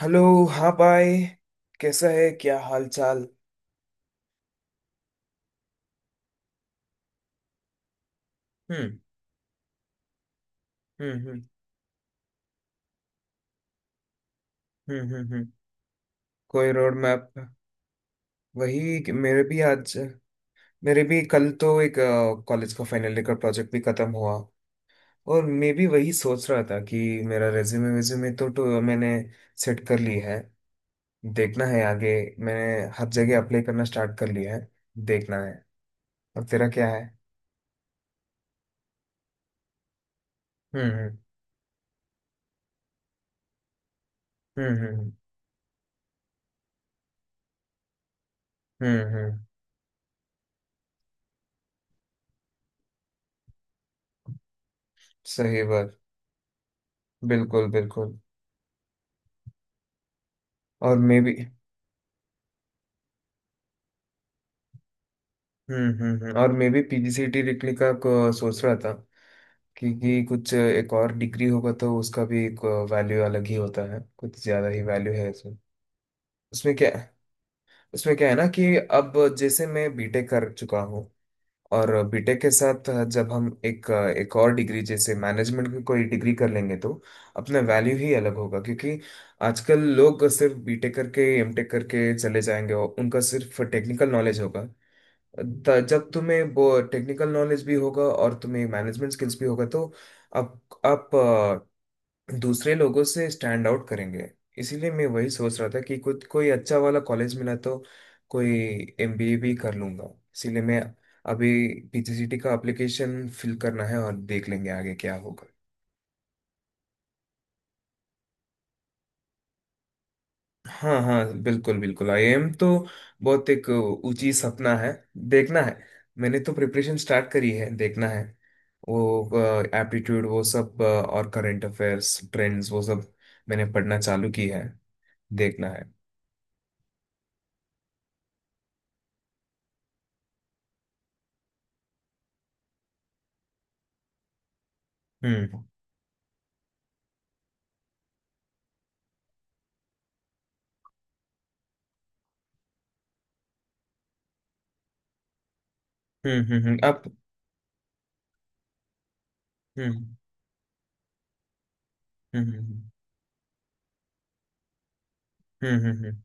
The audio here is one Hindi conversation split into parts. हेलो। हाँ भाई। कैसा है, क्या हाल चाल? हम्म, हम्म, हम्म, हम्म, हम्म, कोई रोड मैप? वही कि मेरे भी कल तो एक कॉलेज का फाइनल ईयर का प्रोजेक्ट भी खत्म हुआ। और मैं भी वही सोच रहा था कि मेरा रेज्यूमे वेज्यूमे तो मैंने सेट कर ली है। देखना है आगे। मैंने हर जगह अप्लाई करना स्टार्ट कर लिया है। देखना है। और तेरा क्या है? हम्म, हम्म, हम्म, हम्म, हम्म, सही बात। बिल्कुल बिल्कुल। और मैं भी। हम्म, हम्म, और मैं भी पीजीसीटी लिखने का को सोच रहा था क्योंकि कुछ एक और डिग्री होगा तो उसका भी एक वैल्यू अलग ही होता है। कुछ ज्यादा ही वैल्यू है उसमें। उसमें क्या है? उसमें क्या है ना कि अब जैसे मैं बीटेक कर चुका हूँ। और बीटेक के साथ जब हम एक एक और डिग्री जैसे मैनेजमेंट की कोई डिग्री कर लेंगे तो अपना वैल्यू ही अलग होगा क्योंकि आजकल लोग सिर्फ बीटेक करके एमटेक करके चले जाएंगे और उनका सिर्फ टेक्निकल नॉलेज होगा। जब तुम्हें वो टेक्निकल नॉलेज भी होगा और तुम्हें मैनेजमेंट स्किल्स भी होगा तो आप आप दूसरे लोगों से स्टैंड आउट करेंगे। इसीलिए मैं वही सोच रहा था कि कुछ कोई अच्छा वाला कॉलेज मिला तो कोई एमबीए भी कर लूंगा। इसीलिए मैं अभी पीजीसीटी का एप्लीकेशन फिल करना है और देख लेंगे आगे क्या होगा। हाँ, हाँ, बिल्कुल बिल्कुल। आई एम तो बहुत एक ऊंची सपना है। देखना है। मैंने तो प्रिपरेशन स्टार्ट करी है। देखना है। वो एप्टीट्यूड वो सब और करंट अफेयर्स ट्रेंड्स वो सब मैंने पढ़ना चालू की है। देखना है। हम्म, हम्म, हम्म, आप। हम्म, हम्म, हम्म, हम्म, हम्म,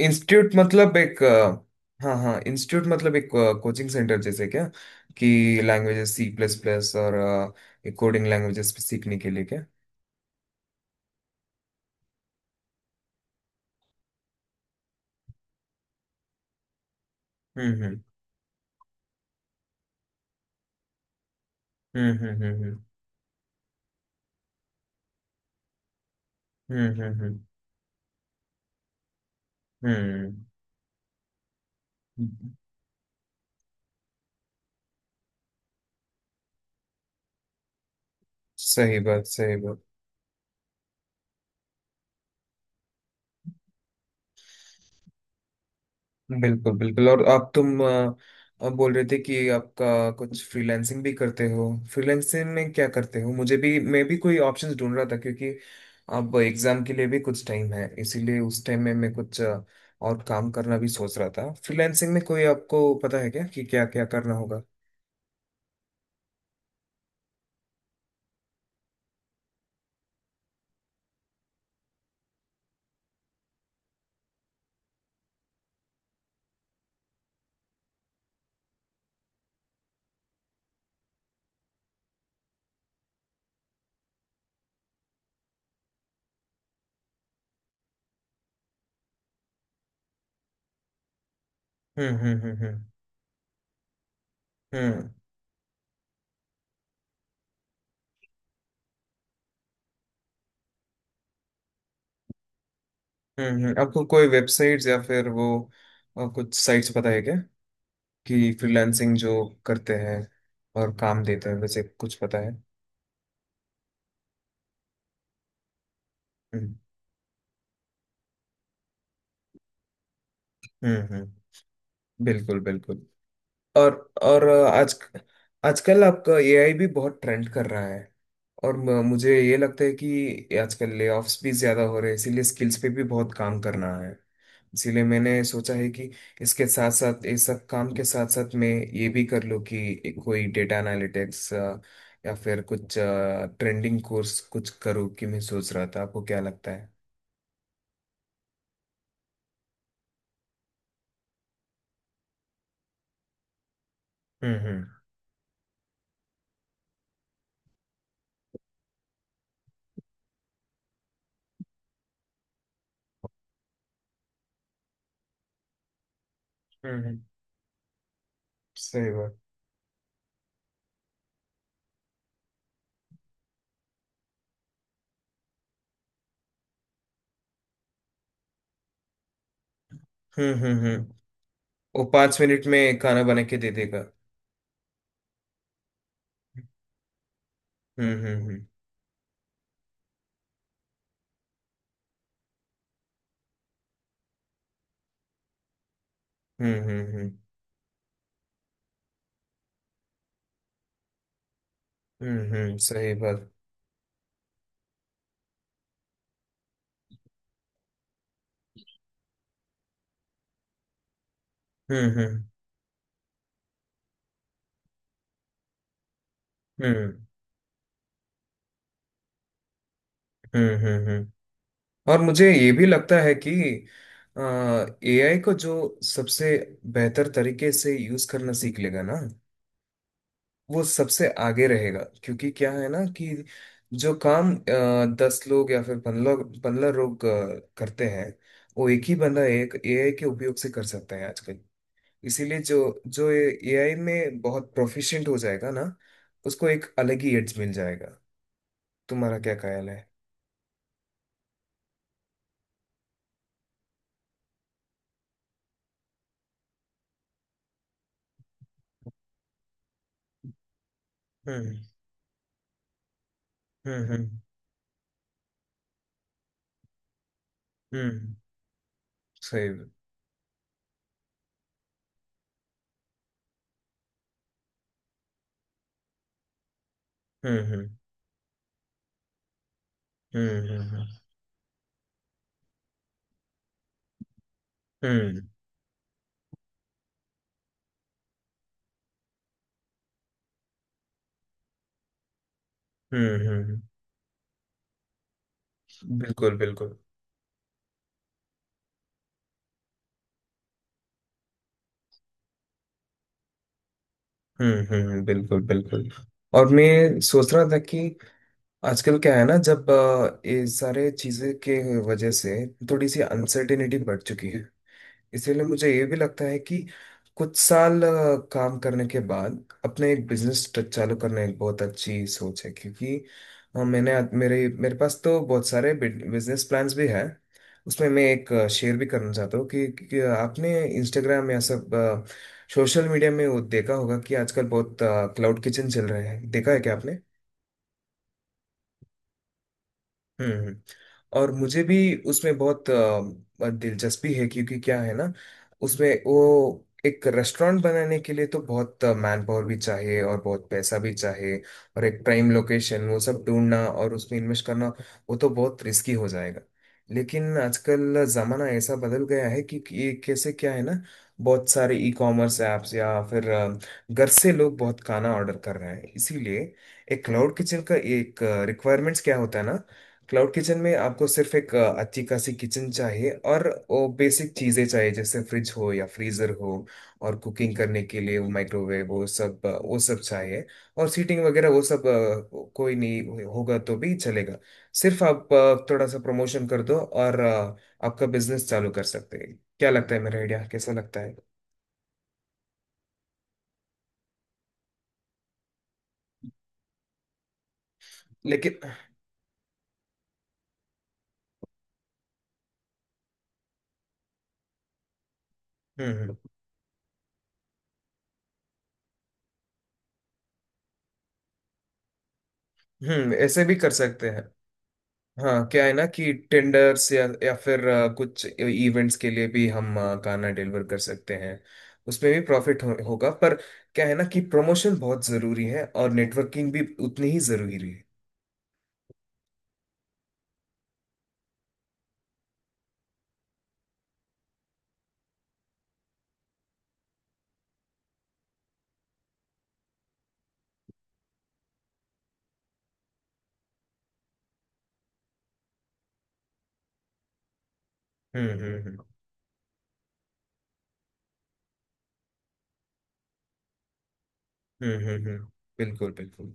इंस्टीट्यूट मतलब एक हाँ, हाँ, इंस्टीट्यूट मतलब एक कोचिंग सेंटर जैसे क्या, कि लैंग्वेजेस सी प्लस प्लस और कोडिंग लैंग्वेजेस सीखने के लिए क्या? हम्म, हम्म, हम्म, हम्म, हम्म, हम्म, हम्म, हम्म, हम्म। हम्म। सही बात, सही बात। बिल्कुल बिल्कुल। और आप तुम अ, अ, बोल रहे थे कि आपका कुछ फ्रीलांसिंग भी करते हो। फ्रीलांसिंग में क्या करते हो? मुझे भी मैं भी कोई ऑप्शंस ढूंढ रहा था क्योंकि अब एग्जाम के लिए भी कुछ टाइम है, इसीलिए उस टाइम में मैं कुछ और काम करना भी सोच रहा था। फ्रीलांसिंग में कोई आपको पता है क्या कि क्या क्या करना होगा? हम्म, हम्म, हम्म, हम्म, हम्म, हम्म, आपको कोई वेबसाइट्स या फिर वो कुछ साइट्स पता है क्या, कि फ्रीलांसिंग जो करते हैं और काम देते हैं वैसे कुछ पता है? हम्म, हम्म, बिल्कुल बिल्कुल। और और आज आजकल आपका एआई भी बहुत ट्रेंड कर रहा है। और मुझे ये लगता है कि आजकल लेऑफ्स भी ज्यादा हो रहे हैं इसीलिए स्किल्स पे भी बहुत काम करना है। इसीलिए मैंने सोचा है कि इसके साथ साथ इस सब काम के साथ साथ मैं ये भी कर लूँ कि कोई डेटा एनालिटिक्स या फिर कुछ ट्रेंडिंग कोर्स कुछ करूँ। कि मैं सोच रहा था आपको क्या लगता है? हम्म, हम्म, हम्म, सही बात। हम्म, हम्म, हम्म। वो 5 मिनट में खाना बना के दे देगा। हम्म, हम्म, हम्म, हम्म, हम्म, हम्म, सही बात। हम्म, हम्म, हम्म, हम्म, हम्म, और मुझे ये भी लगता है कि एआई को जो सबसे बेहतर तरीके से यूज करना सीख लेगा ना वो सबसे आगे रहेगा, क्योंकि क्या है ना कि जो काम 10 लोग या फिर पंद्रह पंद्रह लोग करते हैं वो एक ही बंदा एक एआई के उपयोग से कर सकता है आजकल। इसीलिए जो जो एआई में बहुत प्रोफिशिएंट हो जाएगा ना उसको एक अलग ही एड्स मिल जाएगा। तुम्हारा क्या ख्याल है? हम्म, हम्म, हम्म, हम्म, सही। हम्म, हम्म, हम्म, हम्म, हम्म, हम्म, बिल्कुल बिल्कुल। हम्म, हम्म, बिल्कुल बिल्कुल। और मैं सोच रहा था कि आजकल क्या है ना जब ये सारे चीजें के वजह से थोड़ी सी अनसर्टेनिटी बढ़ चुकी है। इसीलिए मुझे ये भी लगता है कि कुछ साल काम करने के बाद अपने एक बिजनेस चालू करना एक बहुत अच्छी सोच है, क्योंकि मैंने मेरे मेरे पास तो बहुत सारे बिजनेस प्लान्स भी है। उसमें मैं एक शेयर भी करना चाहता हूँ कि आपने इंस्टाग्राम या सब सोशल मीडिया में वो देखा होगा कि आजकल बहुत क्लाउड किचन चल रहे हैं। देखा है क्या आपने? हम्म, और मुझे भी उसमें बहुत दिलचस्पी है क्योंकि क्या है ना, उसमें वो एक रेस्टोरेंट बनाने के लिए तो बहुत मैन पावर भी चाहिए और बहुत पैसा भी चाहिए। और एक प्राइम लोकेशन वो सब ढूंढना और उसमें इन्वेस्ट करना, वो तो बहुत रिस्की हो जाएगा। लेकिन आजकल जमाना ऐसा बदल गया है कि ये कैसे क्या है ना, बहुत सारे ई कॉमर्स ऐप्स या फिर घर से लोग बहुत खाना ऑर्डर कर रहे हैं। इसीलिए एक क्लाउड किचन का एक रिक्वायरमेंट्स क्या होता है ना। क्लाउड किचन में आपको सिर्फ एक अच्छी खासी किचन चाहिए, और वो बेसिक चीज़ें चाहिए, जैसे फ्रिज हो या फ्रीज़र हो, और कुकिंग करने के लिए वो माइक्रोवेव वो सब वो सब चाहिए। और सीटिंग वगैरह वो सब कोई नहीं होगा तो भी चलेगा। सिर्फ आप थोड़ा सा प्रमोशन कर दो और आपका बिजनेस चालू कर सकते हैं। क्या लगता है, मेरा आइडिया कैसा लगता है? लेकिन। हम्म, हम्म, ऐसे भी कर सकते हैं। हाँ, क्या है ना कि टेंडर्स या फिर कुछ इवेंट्स के लिए भी हम गाना डिलीवर कर सकते हैं। उसमें भी प्रॉफिट होगा, पर क्या है ना कि प्रमोशन बहुत जरूरी है, और नेटवर्किंग भी उतनी ही जरूरी है। हम्म, हम्म, हम्म, हम्म, हम्म, बिल्कुल बिल्कुल।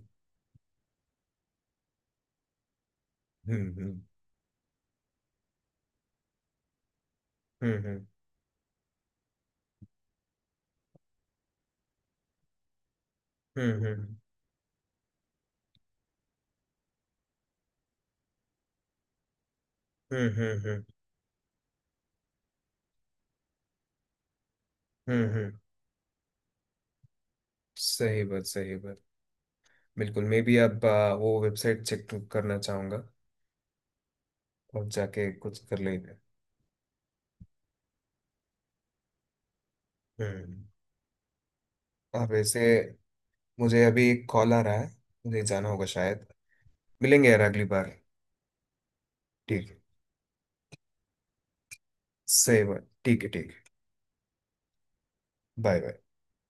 हम्म, हम्म, हम्म, हम्म, हम्म, हम्म, हम्म, हम्म, हम्म। सही बात, सही बात। बिल्कुल मैं भी अब वो वेबसाइट चेक करना चाहूंगा, और जाके कुछ कर लेंगे। हम्म। और वैसे मुझे अभी एक कॉल आ रहा है, मुझे जाना होगा शायद। मिलेंगे यार अगली बार। ठीक है। सही बात, ठीक है, ठीक है। Bye bye.